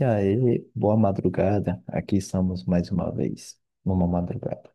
E aí, boa madrugada. Aqui estamos mais uma vez, numa madrugada.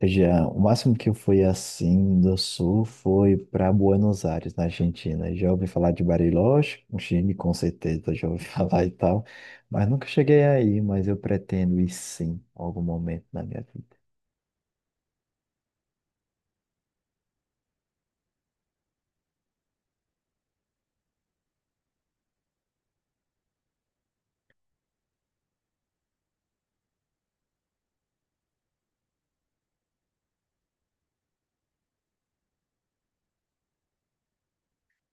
Já, o máximo que eu fui assim do sul foi para Buenos Aires, na Argentina. Já ouvi falar de Bariloche, o Chile com certeza já ouvi falar e tal, mas nunca cheguei aí, mas eu pretendo ir sim, em algum momento na minha vida.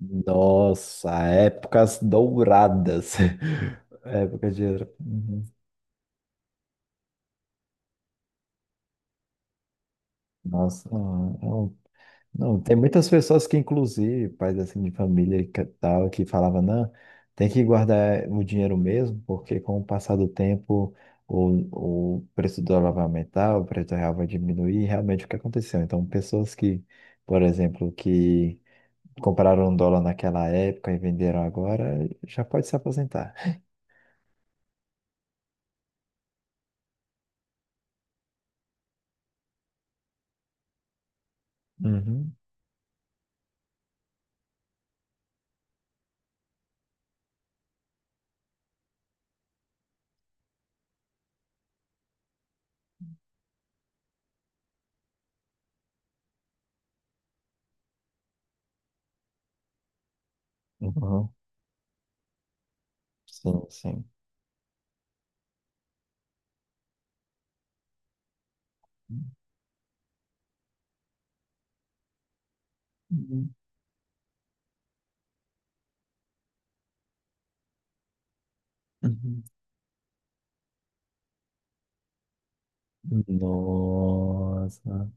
Nossa, épocas douradas. Épocas de... Uhum. Nossa, é um. Não, tem muitas pessoas que, inclusive, pais assim de família e que tal, que falavam, não, tem que guardar o dinheiro mesmo, porque com o passar do tempo o preço do dólar vai aumentar, o preço do real vai diminuir, e realmente o que aconteceu. Então, pessoas que, por exemplo, que compraram um dólar naquela época e venderam agora, já pode se aposentar. Uhum, uhum, sim, sim. Uhum. Nossa.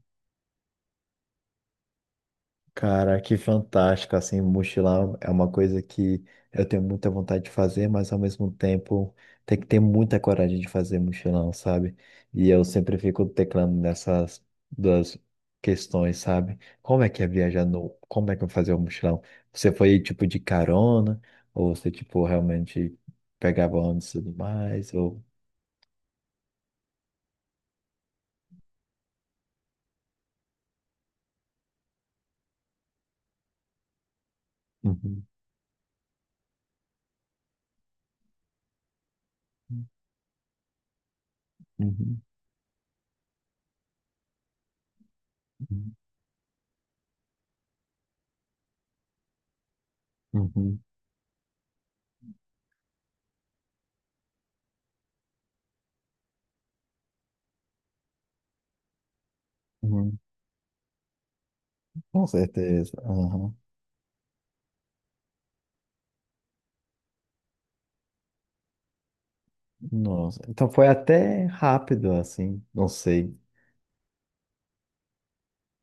Cara, que fantástico, assim, mochilar é uma coisa que eu tenho muita vontade de fazer, mas ao mesmo tempo tem que ter muita coragem de fazer mochilão, sabe? E eu sempre fico teclando nessas duas questões, sabe? Como é que é viajar no... Como é que eu vou fazer o mochilão? Você foi, tipo, de carona? Ou você, tipo, realmente pegava ônibus e tudo mais? Ou... Uhum, uhum, uhum, uhum, uhum. Com certeza. Nossa, então foi até rápido, assim, não sei.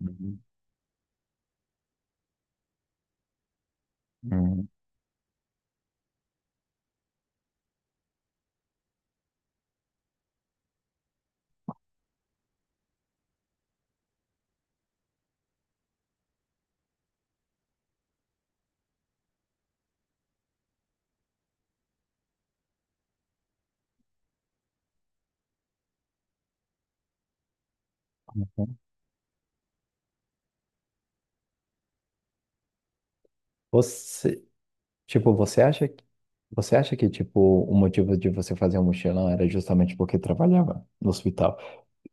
Uhum. Uhum. Você, tipo, você acha que, Você acha que, tipo, o motivo de você fazer um mochilão era justamente porque trabalhava no hospital?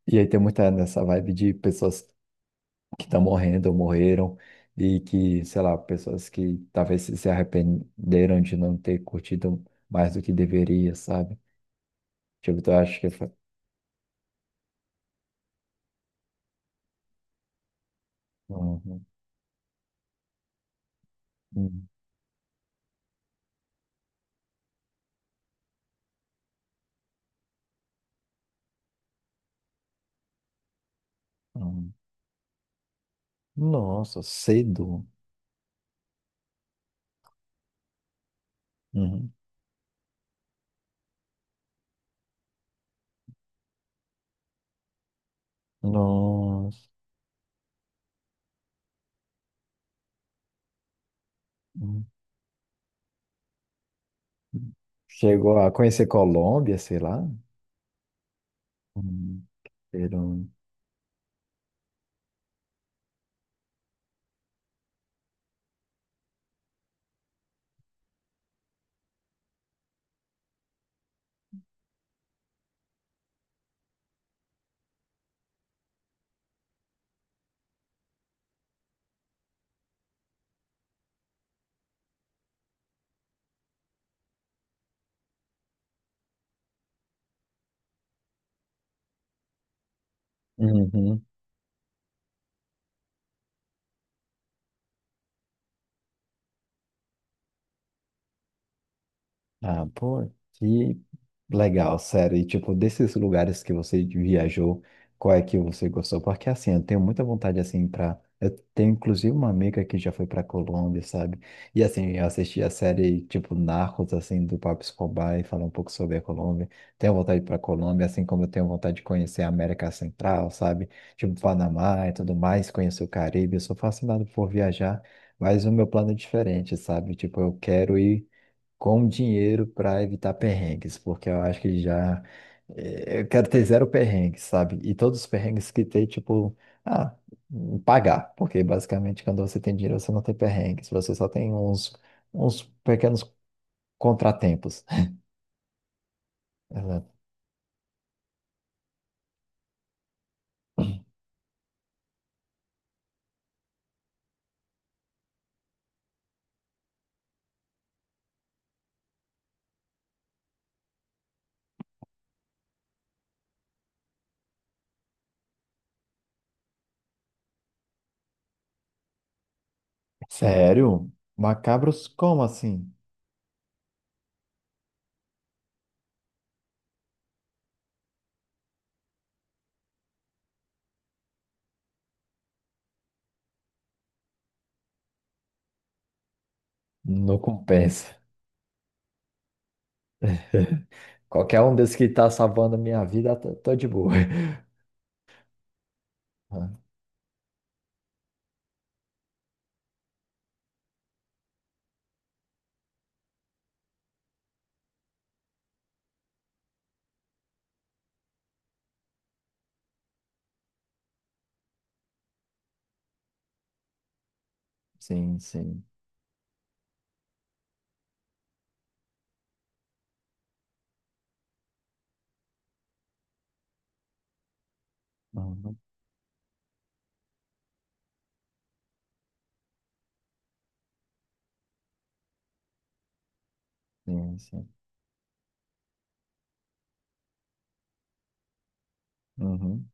E aí tem muita nessa vibe de pessoas que estão morrendo ou morreram e que, sei lá, pessoas que talvez se arrependeram de não ter curtido mais do que deveria, sabe? Tipo, eu acho que foi... Uhum. Uhum. Uhum. Nossa, cedo. Uhum. Nossa. Hum. Chegou a conhecer Colômbia, sei lá. Hum, Peru. Uhum. Ah, pô, que legal, sério. E, tipo, desses lugares que você viajou, qual é que você gostou? Porque, assim, eu tenho muita vontade, assim, pra... Eu tenho, inclusive, uma amiga que já foi pra Colômbia, sabe? E, assim, eu assisti a série, tipo, Narcos, assim, do Pablo Escobar e falar um pouco sobre a Colômbia. Tenho vontade pra Colômbia, assim como eu tenho vontade de conhecer a América Central, sabe? Tipo, Panamá e tudo mais, conhecer o Caribe. Eu sou fascinado por viajar, mas o meu plano é diferente, sabe? Tipo, eu quero ir com dinheiro para evitar perrengues, porque eu acho que já. Eu quero ter zero perrengues, sabe? E todos os perrengues que tem, tipo, ah, pagar, porque basicamente quando você tem dinheiro você não tem perrengues, você só tem uns, uns pequenos contratempos. Ela, sério? Macabros como assim? Não compensa. Qualquer um desses que tá salvando a minha vida, tô de boa. Ah, sim, sim. Uhum, sim, sim. Uhum.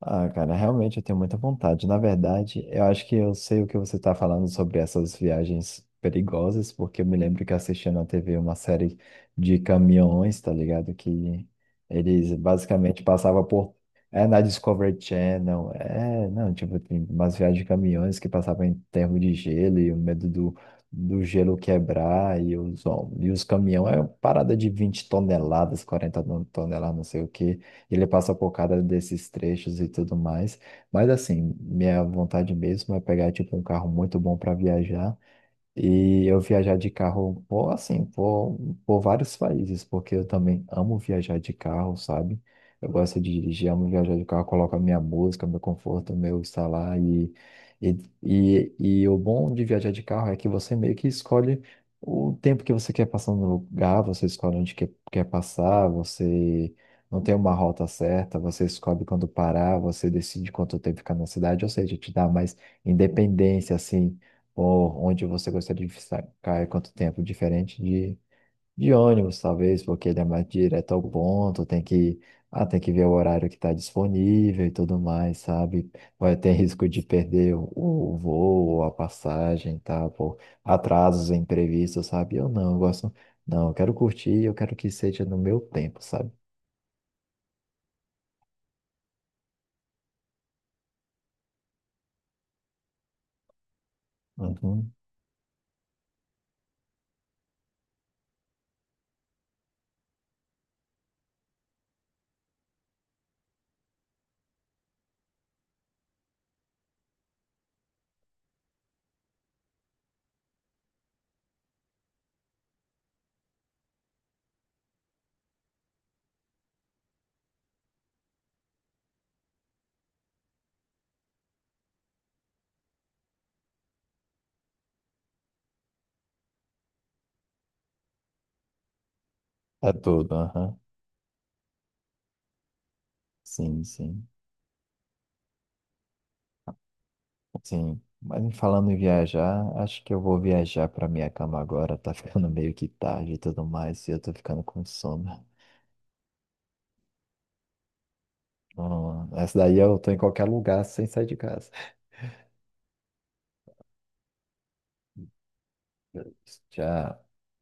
Ah, cara, realmente eu tenho muita vontade. Na verdade, eu acho que eu sei o que você está falando sobre essas viagens perigosas, porque eu me lembro que assisti na TV uma série de caminhões, tá ligado? Que eles basicamente passavam por. É na Discovery Channel, é, não, tipo, tem umas viagens de caminhões que passavam em termo de gelo e o medo do, do gelo quebrar e os, hom- e os caminhões, é uma parada de 20 toneladas, 40 toneladas, não sei o quê. Ele passa por cada desses trechos e tudo mais. Mas assim, minha vontade mesmo é pegar tipo um carro muito bom para viajar. E eu viajar de carro, por, assim, por vários países, porque eu também amo viajar de carro, sabe? Eu gosto de dirigir, amo viajar de carro, coloco a minha música, meu conforto, meu estar lá. E, e, e o bom de viajar de carro é que você meio que escolhe o tempo que você quer passar no lugar, você escolhe onde quer, quer passar, você não tem uma rota certa, você escolhe quando parar, você decide quanto tempo ficar na cidade, ou seja, te dá mais independência, assim ou onde você gostaria de ficar e quanto tempo, diferente de ônibus, talvez, porque ele é mais direto ao ponto, tem que, ah, tem que ver o horário que está disponível e tudo mais, sabe? Vai ter risco de perder o voo, ou a passagem, tá? Por atrasos imprevistos, sabe? Eu não, eu gosto, não, eu quero curtir, eu quero que seja no meu tempo, sabe? Uhum. É tudo, aham. Sim, sim. Sim, mas falando em viajar, acho que eu vou viajar para minha cama agora. Tá ficando meio que tarde e tudo mais, e eu tô ficando com sono. Essa daí eu tô em qualquer lugar sem sair de casa. Tchau.